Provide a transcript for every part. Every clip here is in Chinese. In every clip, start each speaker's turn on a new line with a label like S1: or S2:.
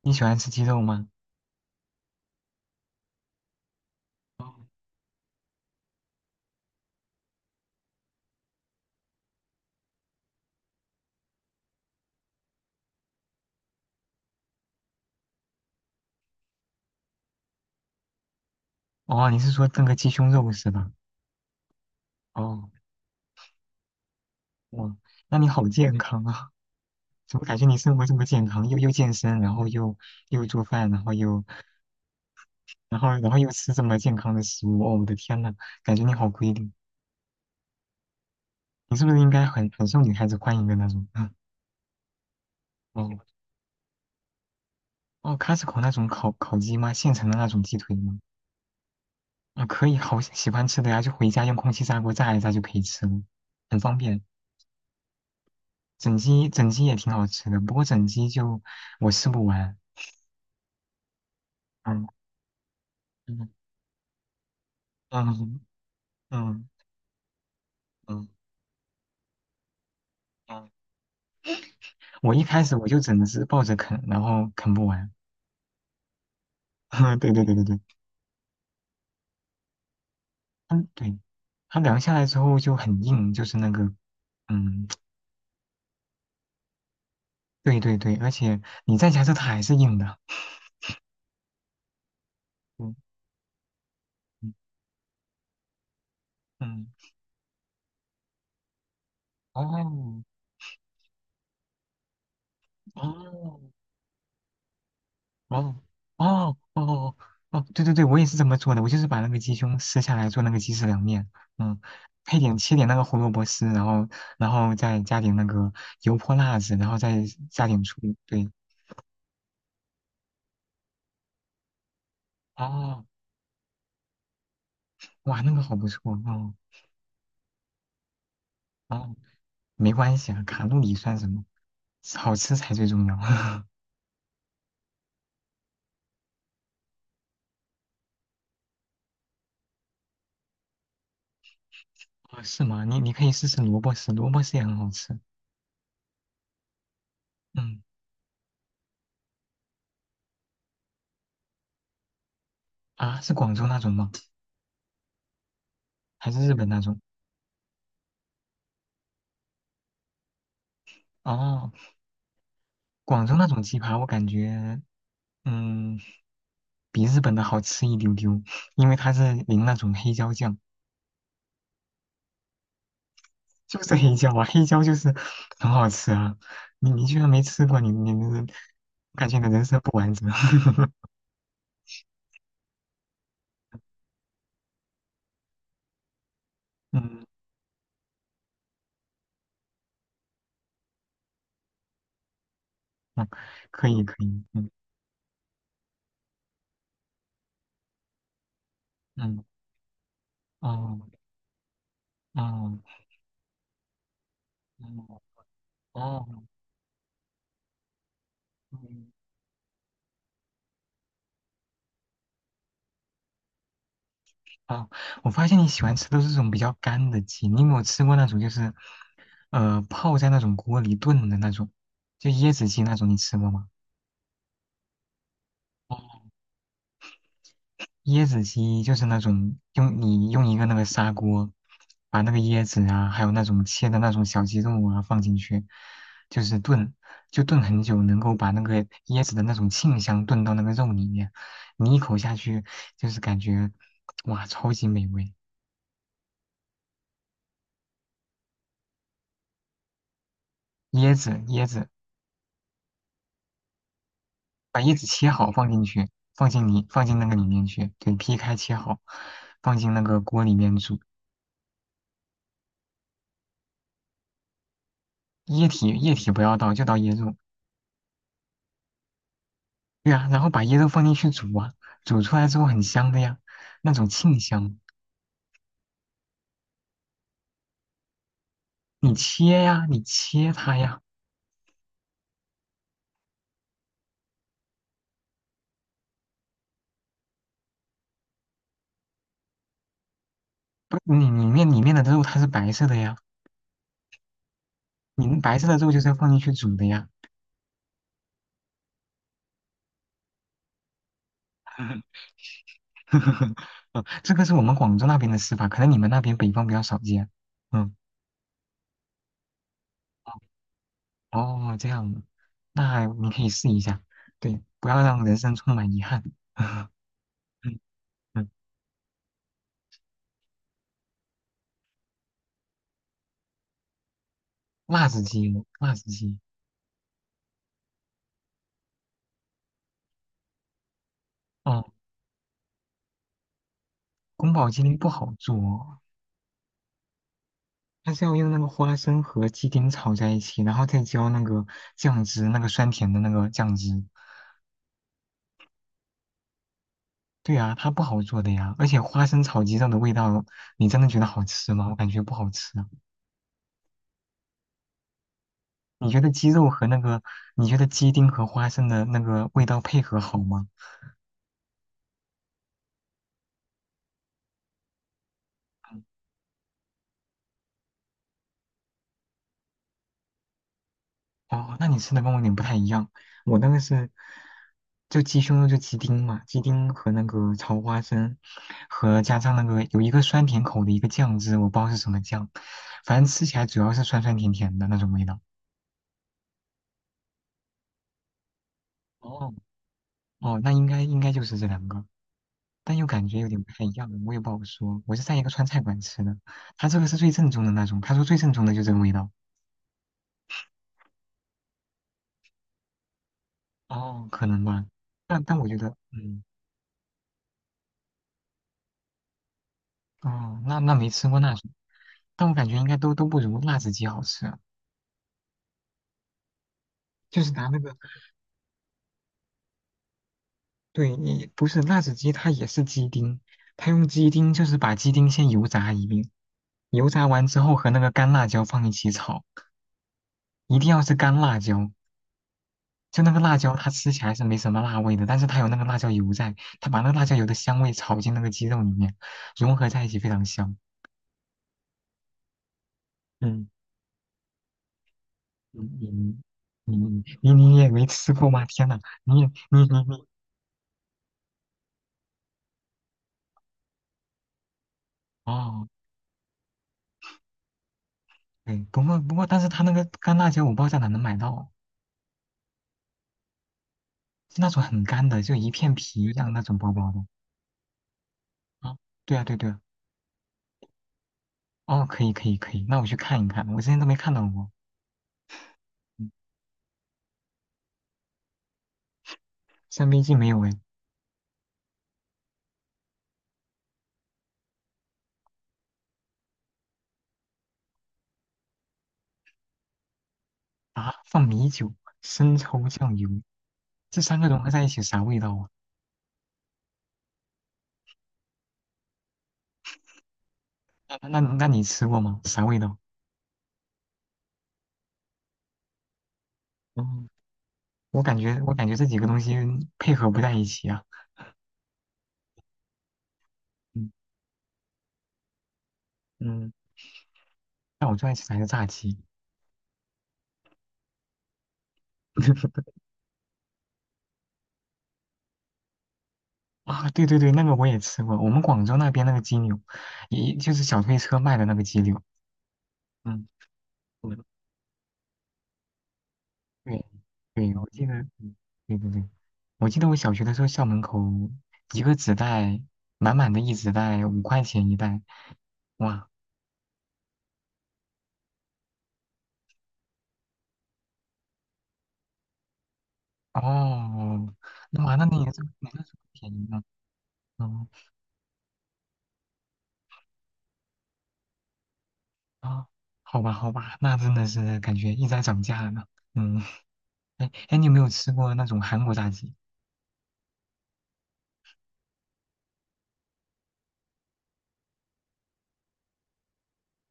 S1: 你喜欢吃鸡肉吗？哦，你是说炖个鸡胸肉是吧？哦，哇，那你好健康啊！怎么感觉你生活这么健康，又健身，然后又做饭，然后又吃这么健康的食物？哦，我的天呐，感觉你好规律。你是不是应该很受女孩子欢迎的那种？嗯，哦哦，Costco 那种烤鸡吗？现成的那种鸡腿吗？啊，可以，好喜欢吃的呀，就回家用空气炸锅炸一炸就可以吃了，很方便。整鸡整鸡也挺好吃的，不过整鸡就我吃不完。嗯嗯嗯嗯嗯嗯，我一开始就整只抱着啃，然后啃不完。对对对对对，嗯对，它凉下来之后就很硬，就是那个嗯，对对对，而且你再加热它还是硬的。嗯嗯嗯，哦哦。哦哦哦哦，哦对对对，我也是这么做的，我就是把那个鸡胸撕下来做那个鸡丝凉面，嗯，配点切点那个胡萝卜丝，然后再加点那个油泼辣子，然后再加点醋，对，哦，哇，那个好不错，哦哦，没关系啊，卡路里算什么，好吃才最重要。哦，是吗？你你可以试试萝卜丝，萝卜丝也很好吃，嗯，啊，是广州那种吗？还是日本那种？哦，广州那种鸡排，我感觉。嗯，比日本的好吃一丢丢，因为它是淋那种黑椒酱，就是黑椒啊，黑椒就是很好吃啊。你居然没吃过，你你你，感觉你的人生不完整。嗯嗯，可以可以，嗯嗯哦哦哦哦嗯哦，我发现你喜欢吃都是这种比较干的鸡，你有没有吃过那种就是泡在那种锅里炖的那种，就椰子鸡那种，你吃过吗？哦椰子鸡就是那种用你用一个那个砂锅，把那个椰子啊，还有那种切的那种小鸡肉啊放进去，就是炖，就炖很久，能够把那个椰子的那种沁香炖到那个肉里面，你一口下去就是感觉哇，超级美味。椰子，椰子，把椰子切好放进去，你放进那个里面去，对，劈开切好，放进那个锅里面煮，液体液体不要倒，就倒椰肉。对呀，然后把椰肉放进去煮啊，煮出来之后很香的呀，那种沁香。你切呀，你切它呀，不，你里面里面的肉它是白色的呀，你们白色的肉就是要放进去煮的呀。嗯这个是我们广州那边的吃法，可能你们那边北方比较少见。嗯，哦，这样的，那你可以试一下。对，不要让人生充满遗憾。嗯嗯，辣子鸡，辣子鸡，哦，宫保鸡丁不好做哦，它是要用那个花生和鸡丁炒在一起，然后再浇那个酱汁，那个酸甜的那个酱汁。对啊，它不好做的呀。而且花生炒鸡肉的味道，你真的觉得好吃吗？我感觉不好吃啊。你觉得鸡肉和那个，你觉得鸡丁和花生的那个味道配合好吗？哦，那你吃的跟我有点不太一样，我那个是就鸡胸肉就鸡丁嘛，鸡丁和那个炒花生，和加上那个有一个酸甜口的一个酱汁，我不知道是什么酱，反正吃起来主要是酸酸甜甜的那种味道。哦，哦，那应该应该就是这两个，但又感觉有点不太一样，我也不好说。我是在一个川菜馆吃的，他这个是最正宗的那种，他说最正宗的就这个味道，哦，可能吧。但我觉得，嗯。哦，那没吃过那种，但我感觉应该都不如辣子鸡好吃。就是拿那个，对，你不是辣子鸡，它也是鸡丁，它用鸡丁就是把鸡丁先油炸一遍，油炸完之后和那个干辣椒放一起炒，一定要是干辣椒。就那个辣椒，它吃起来是没什么辣味的，但是它有那个辣椒油在，它把那个辣椒油的香味炒进那个鸡肉里面，融合在一起非常香。嗯，你你你也没吃过吗？天呐，你也你你你哦。哎，不过不过，但是它那个干辣椒我不知道在哪能买到，是那种很干的，就一片皮一样那种薄薄的。啊，对啊对对啊，哦，可以可以可以，那我去看一看，我之前都没看到过。嗯，三杯鸡没有哎，啊，放米酒、生抽、酱油，这三个融合在一起啥味道啊？那那那你吃过吗？啥味道？嗯，我感觉我感觉这几个东西配合不在一起啊。嗯嗯，那我最爱吃的还是炸鸡。啊，对对对，那个我也吃过，我们广州那边那个鸡柳，也就是小推车卖的那个鸡柳。嗯，嗯，对，对，我记得，嗯对对对，我记得我小学的时候校门口一个纸袋，满满的一纸袋，五块钱一袋。哇，哦，那完了，那也是那个时候便宜呢。嗯啊，好吧好吧，那真的是感觉一直在涨价呢。嗯，哎哎，你有没有吃过那种韩国炸鸡？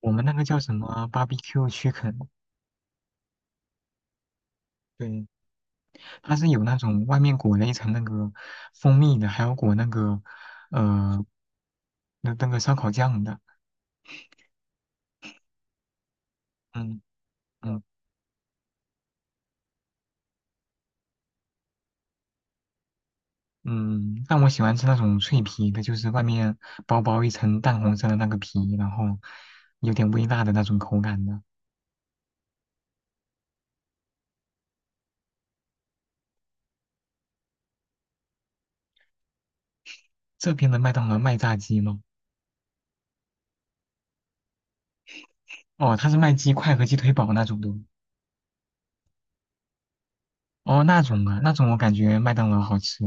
S1: 我们那个叫什么 barbecue chicken？对，它是有那种外面裹了一层那个蜂蜜的，还有裹呃那个烧烤酱的。嗯嗯嗯，但我喜欢吃那种脆皮的，就是外面薄薄一层淡红色的那个皮，然后有点微辣的那种口感的。这边的麦当劳卖炸鸡吗？哦，它是卖鸡块和鸡腿堡那种的。哦，那种啊，那种我感觉麦当劳好吃，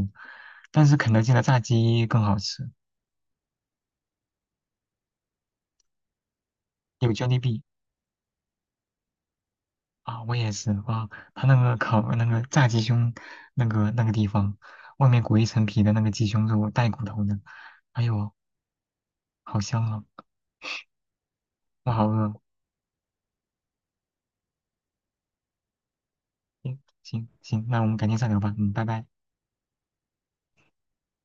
S1: 但是肯德基的炸鸡更好吃，有 Jollibee。啊，我也是哇，他那个烤那个炸鸡胸那个那个地方，外面裹一层皮的那个鸡胸肉带骨头的，哎呦，好香啊，我好饿。嗯，行行，那我们改天再聊吧，嗯，拜拜。